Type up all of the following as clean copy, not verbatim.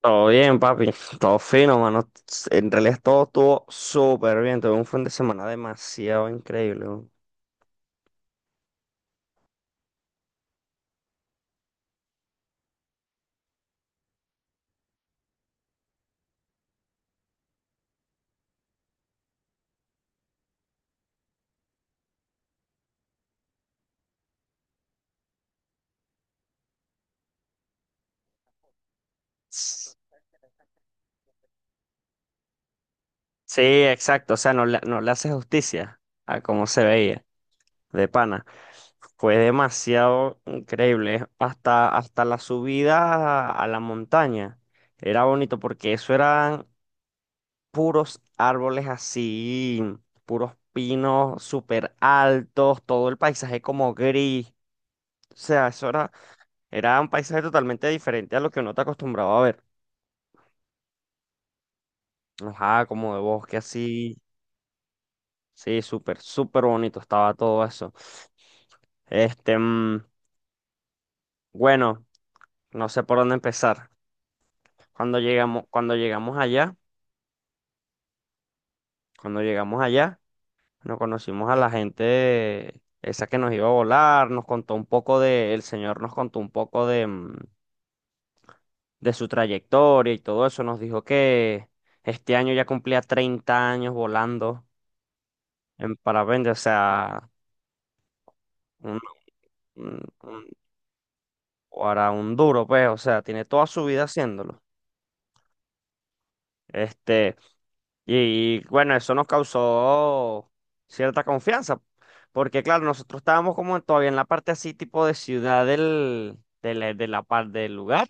Todo bien, papi. Todo fino, mano. En realidad todo estuvo súper bien. Tuve un fin de semana demasiado increíble, weón. S- Sí, exacto. O sea, no le hace justicia a cómo se veía, de pana. Fue demasiado increíble. Hasta la subida a la montaña. Era bonito porque eso eran puros árboles así, puros pinos súper altos, todo el paisaje como gris. O sea, eso era. Era un paisaje totalmente diferente a lo que uno está acostumbrado a ver. Ajá, como de bosque así. Sí, súper, súper bonito estaba todo eso. Este, bueno, no sé por dónde empezar. Cuando llegamos, cuando llegamos allá, cuando llegamos allá, nos conocimos a la gente esa que nos iba a volar, nos contó un poco de, el señor nos contó un poco de, de su trayectoria y todo eso. Nos dijo que este año ya cumplía 30 años volando en parapente, o sea. un- un- o hará un duro, pues, o sea, tiene toda su vida haciéndolo. Este, y, bueno, eso nos causó cierta confianza, porque claro, nosotros estábamos como todavía en la parte así, tipo de ciudad del, de la par- del lugar,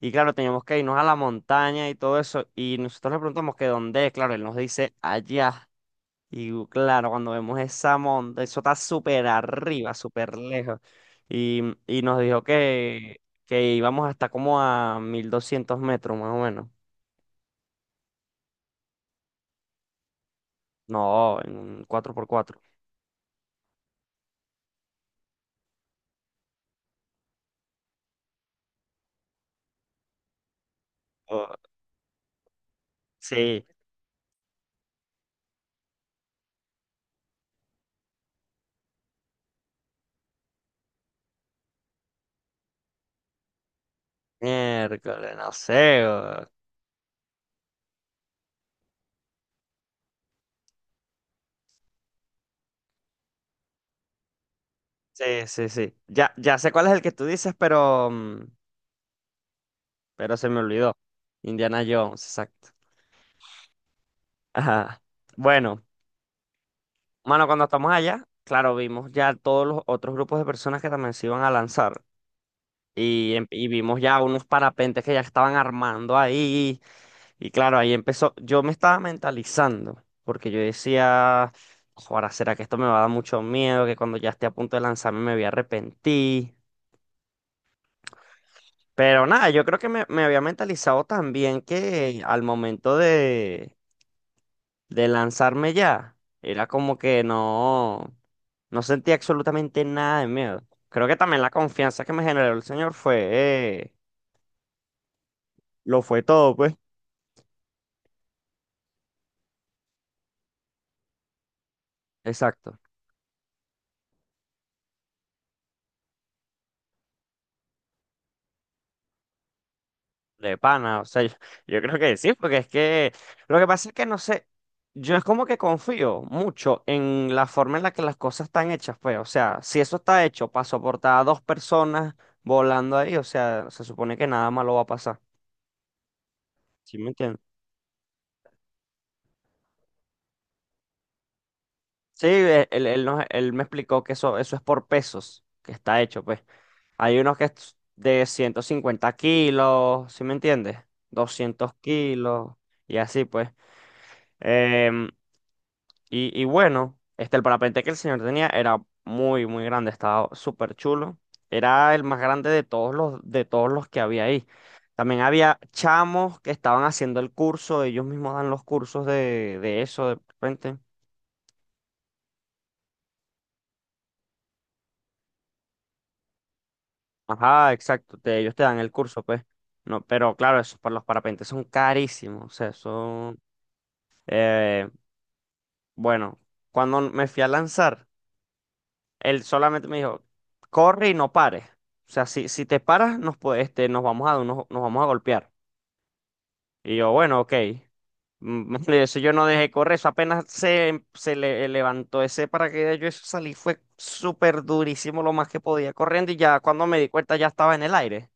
y claro, teníamos que irnos a la montaña y todo eso, y nosotros le preguntamos que dónde es, claro, él nos dice allá. Claro, cuando vemos esa monta, eso está súper arriba, súper lejos. Y, y nos dijo que íbamos hasta como a 1200 metros, más o menos. No, en un 4x4. Oh, sí, miércoles, no sé, weón. Sí, sí, sí. Ya, ya sé cuál es el que tú dices, pero, pero se me olvidó. Indiana Jones, exacto. Ajá. Bueno, mano, cuando estamos allá, claro, vimos ya todos los otros grupos de personas que también se iban a lanzar. Y vimos ya unos parapentes que ya estaban armando ahí. Y claro, ahí empezó. Yo me estaba mentalizando, porque yo decía, ahora será que esto me va a dar mucho miedo, que cuando ya esté a punto de lanzarme me voy a arrepentir. Pero nada, yo creo que me había mentalizado también que al momento de lanzarme ya, era como que no, no sentía absolutamente nada de miedo. Creo que también la confianza que me generó el señor fue, eh, lo fue todo, pues. Exacto. De pana, o sea, yo creo que sí, porque es que lo que pasa es que no sé, yo es como que confío mucho en la forma en la que las cosas están hechas, pues, o sea, si eso está hecho para soportar a dos personas volando ahí, o sea, se supone que nada malo va a pasar, ¿sí me entiendes? Sí, él me explicó que eso es por pesos, que está hecho, pues. Hay unos que es de 150 kilos, ¿sí me entiendes? 200 kilos y así, pues. em, y bueno, este, el parapente que el señor tenía era muy, muy grande, estaba súper chulo. Era el más grande de todos los que había ahí. También había chamos que estaban haciendo el curso, ellos mismos dan los cursos de eso de repente. Ajá, exacto, ellos te dan el curso, pues. No, pero claro, esos para los parapentes son carísimos. O sea, son. eh, bueno, cuando me fui a lanzar. Él solamente me dijo, corre y no pares. O sea, si te paras, nos vamos a golpear. Y yo, bueno, ok. Mm. Eso yo no dejé correr, eso apenas se le levantó ese paracaídas, yo eso salí, fue súper durísimo lo más que podía corriendo y ya cuando me di cuenta ya estaba en el aire.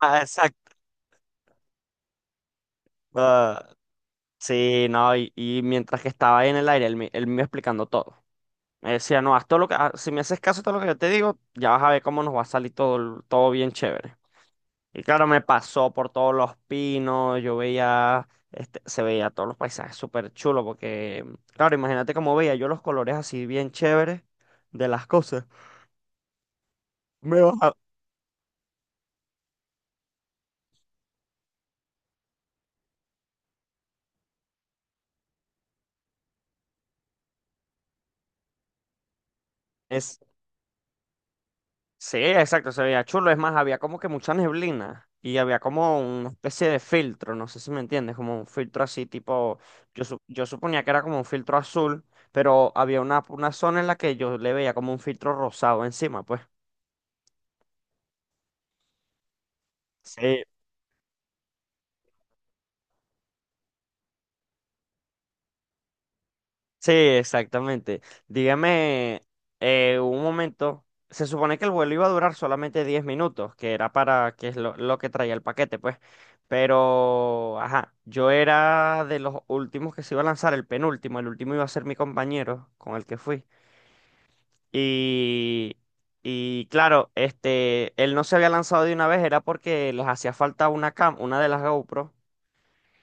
Ah, exacto. Ah, sí, no, y mientras que estaba ahí en el aire, él me iba explicando todo. Me decía, no, haz todo lo que, ah, si me haces caso a todo lo que yo te digo, ya vas a ver cómo nos va a salir todo, todo bien chévere. Y claro, me pasó por todos los pinos, yo veía, este, se veía todos los paisajes súper chulos, porque, claro, imagínate cómo veía yo los colores así bien chéveres de las cosas. Me bajaba. Es, sí, exacto, se veía chulo, es más, había como que mucha neblina y había como una especie de filtro, no sé si me entiendes, como un filtro así tipo, yo, yo suponía que era como un filtro azul, pero había una zona en la que yo le veía como un filtro rosado encima, pues. Sí. Sí, exactamente. Dígame, un momento. Se supone que el vuelo iba a durar solamente 10 minutos, que era para, que es lo que traía el paquete, pues. Pero, ajá, yo era de los últimos que se iba a lanzar, el penúltimo, el último iba a ser mi compañero con el que fui. Y, y claro, este, él no se había lanzado de una vez, era porque les hacía falta una cam, una de las GoPro.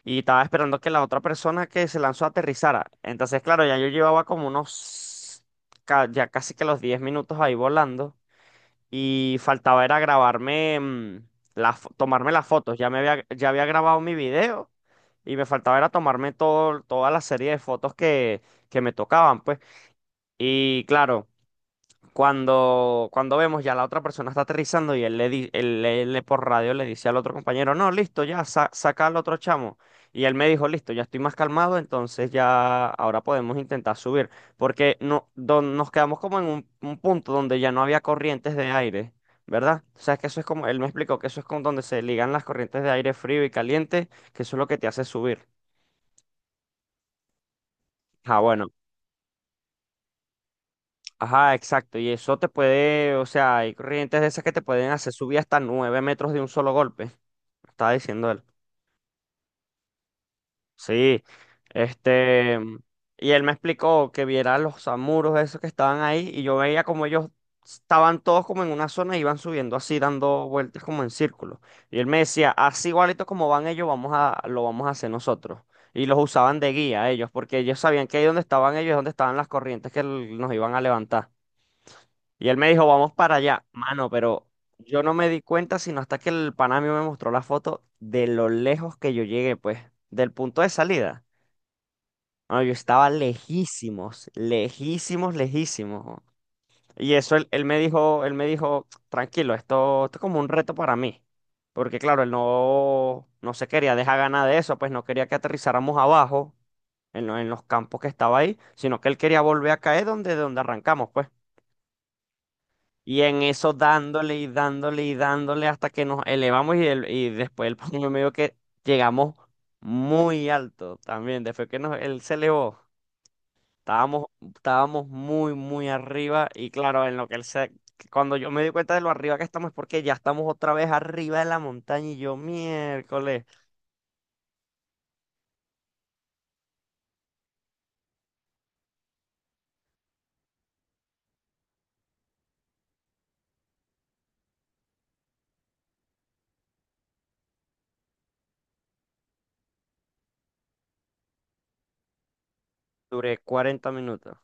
Y estaba esperando que la otra persona que se lanzó aterrizara. Entonces, claro, ya yo llevaba como unos, ya casi que los 10 minutos ahí volando. Y faltaba era grabarme, tomarme las fotos. Ya había grabado mi video y me faltaba era tomarme todo, toda la serie de fotos que, me tocaban, pues. Y claro. Cuando vemos ya la otra persona está aterrizando y él le por radio le dice al otro compañero, no, listo, ya, saca al otro chamo. Y él me dijo, listo, ya estoy más calmado, entonces ya ahora podemos intentar subir. Porque no, nos quedamos como en un punto donde ya no había corrientes de aire, ¿verdad? O sea, es que eso es como, él me explicó que eso es como donde se ligan las corrientes de aire frío y caliente, que eso es lo que te hace subir. Ah, bueno. Ajá, exacto. Y eso te puede, o sea, hay corrientes de esas que te pueden hacer subir hasta 9 metros de un solo golpe. Estaba diciendo él. Sí. Este. Y él me explicó que viera los samuros esos que estaban ahí. Y yo veía como ellos estaban todos como en una zona y iban subiendo así, dando vueltas como en círculo. Y él me decía, así igualito como van ellos, vamos a, lo vamos a hacer nosotros. Y los usaban de guía ellos, porque ellos sabían que ahí donde estaban ellos, es donde estaban las corrientes que nos iban a levantar. Y él me dijo, vamos para allá. Mano, pero yo no me di cuenta sino hasta que el pana mío me mostró la foto de lo lejos que yo llegué, pues, del punto de salida. Bueno, yo estaba lejísimos, lejísimos, lejísimos, ¿no? Él me dijo, tranquilo, esto es como un reto para mí. Porque claro, él no, no se quería dejar ganar de eso, pues no quería que aterrizáramos abajo en, en los campos que estaba ahí, sino que él quería volver a caer donde donde arrancamos, pues. Y en eso dándole y dándole y dándole hasta que nos elevamos y, y después el pongo medio que llegamos muy alto también. Después que nos, él se elevó, estábamos, estábamos muy, muy arriba. Y claro, en lo que él se, cuando yo me di cuenta de lo arriba que estamos es porque ya estamos otra vez arriba de la montaña y yo miércoles, duré 40 minutos.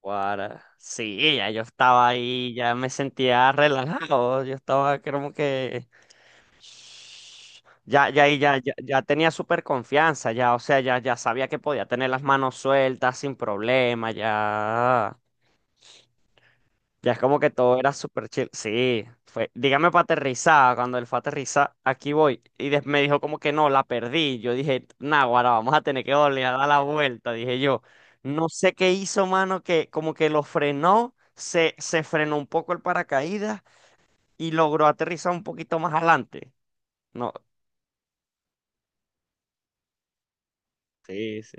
Para Sí, ya yo estaba ahí, ya me sentía relajado. Yo estaba como que... Ya, ya, ahí ya tenía súper confianza, ya, o sea, ya sabía que podía tener las manos sueltas sin problema, ya es como que todo era súper chill. Sí, fue, dígame para aterrizar, cuando él fue a aterrizar, aquí voy, y me dijo como que no, la perdí, yo dije, nah, ahora vamos a tener que volver a dar la vuelta, dije yo, no sé qué hizo, mano, que como que lo frenó, se frenó un poco el paracaídas y logró aterrizar un poquito más adelante. No, sí sí.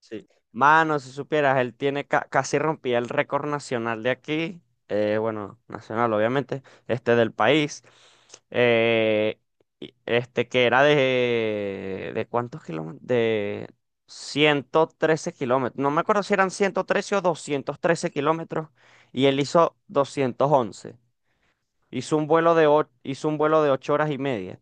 Sí. Mano, si supieras, él tiene casi rompía el récord nacional de aquí, bueno, nacional obviamente, este del país, eh, este que era ¿de cuántos kilómetros? De 113 kilómetros, no me acuerdo si eran 113 o 213 kilómetros, y él hizo 211, hizo un vuelo de, hizo un vuelo de 8 horas y media.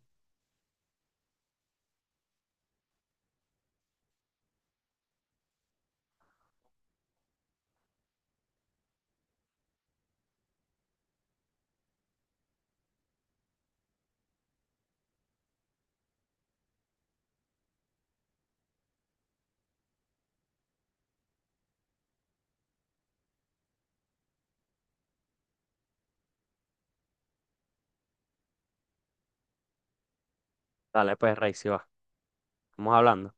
Dale, pues, Rey, si va, estamos hablando.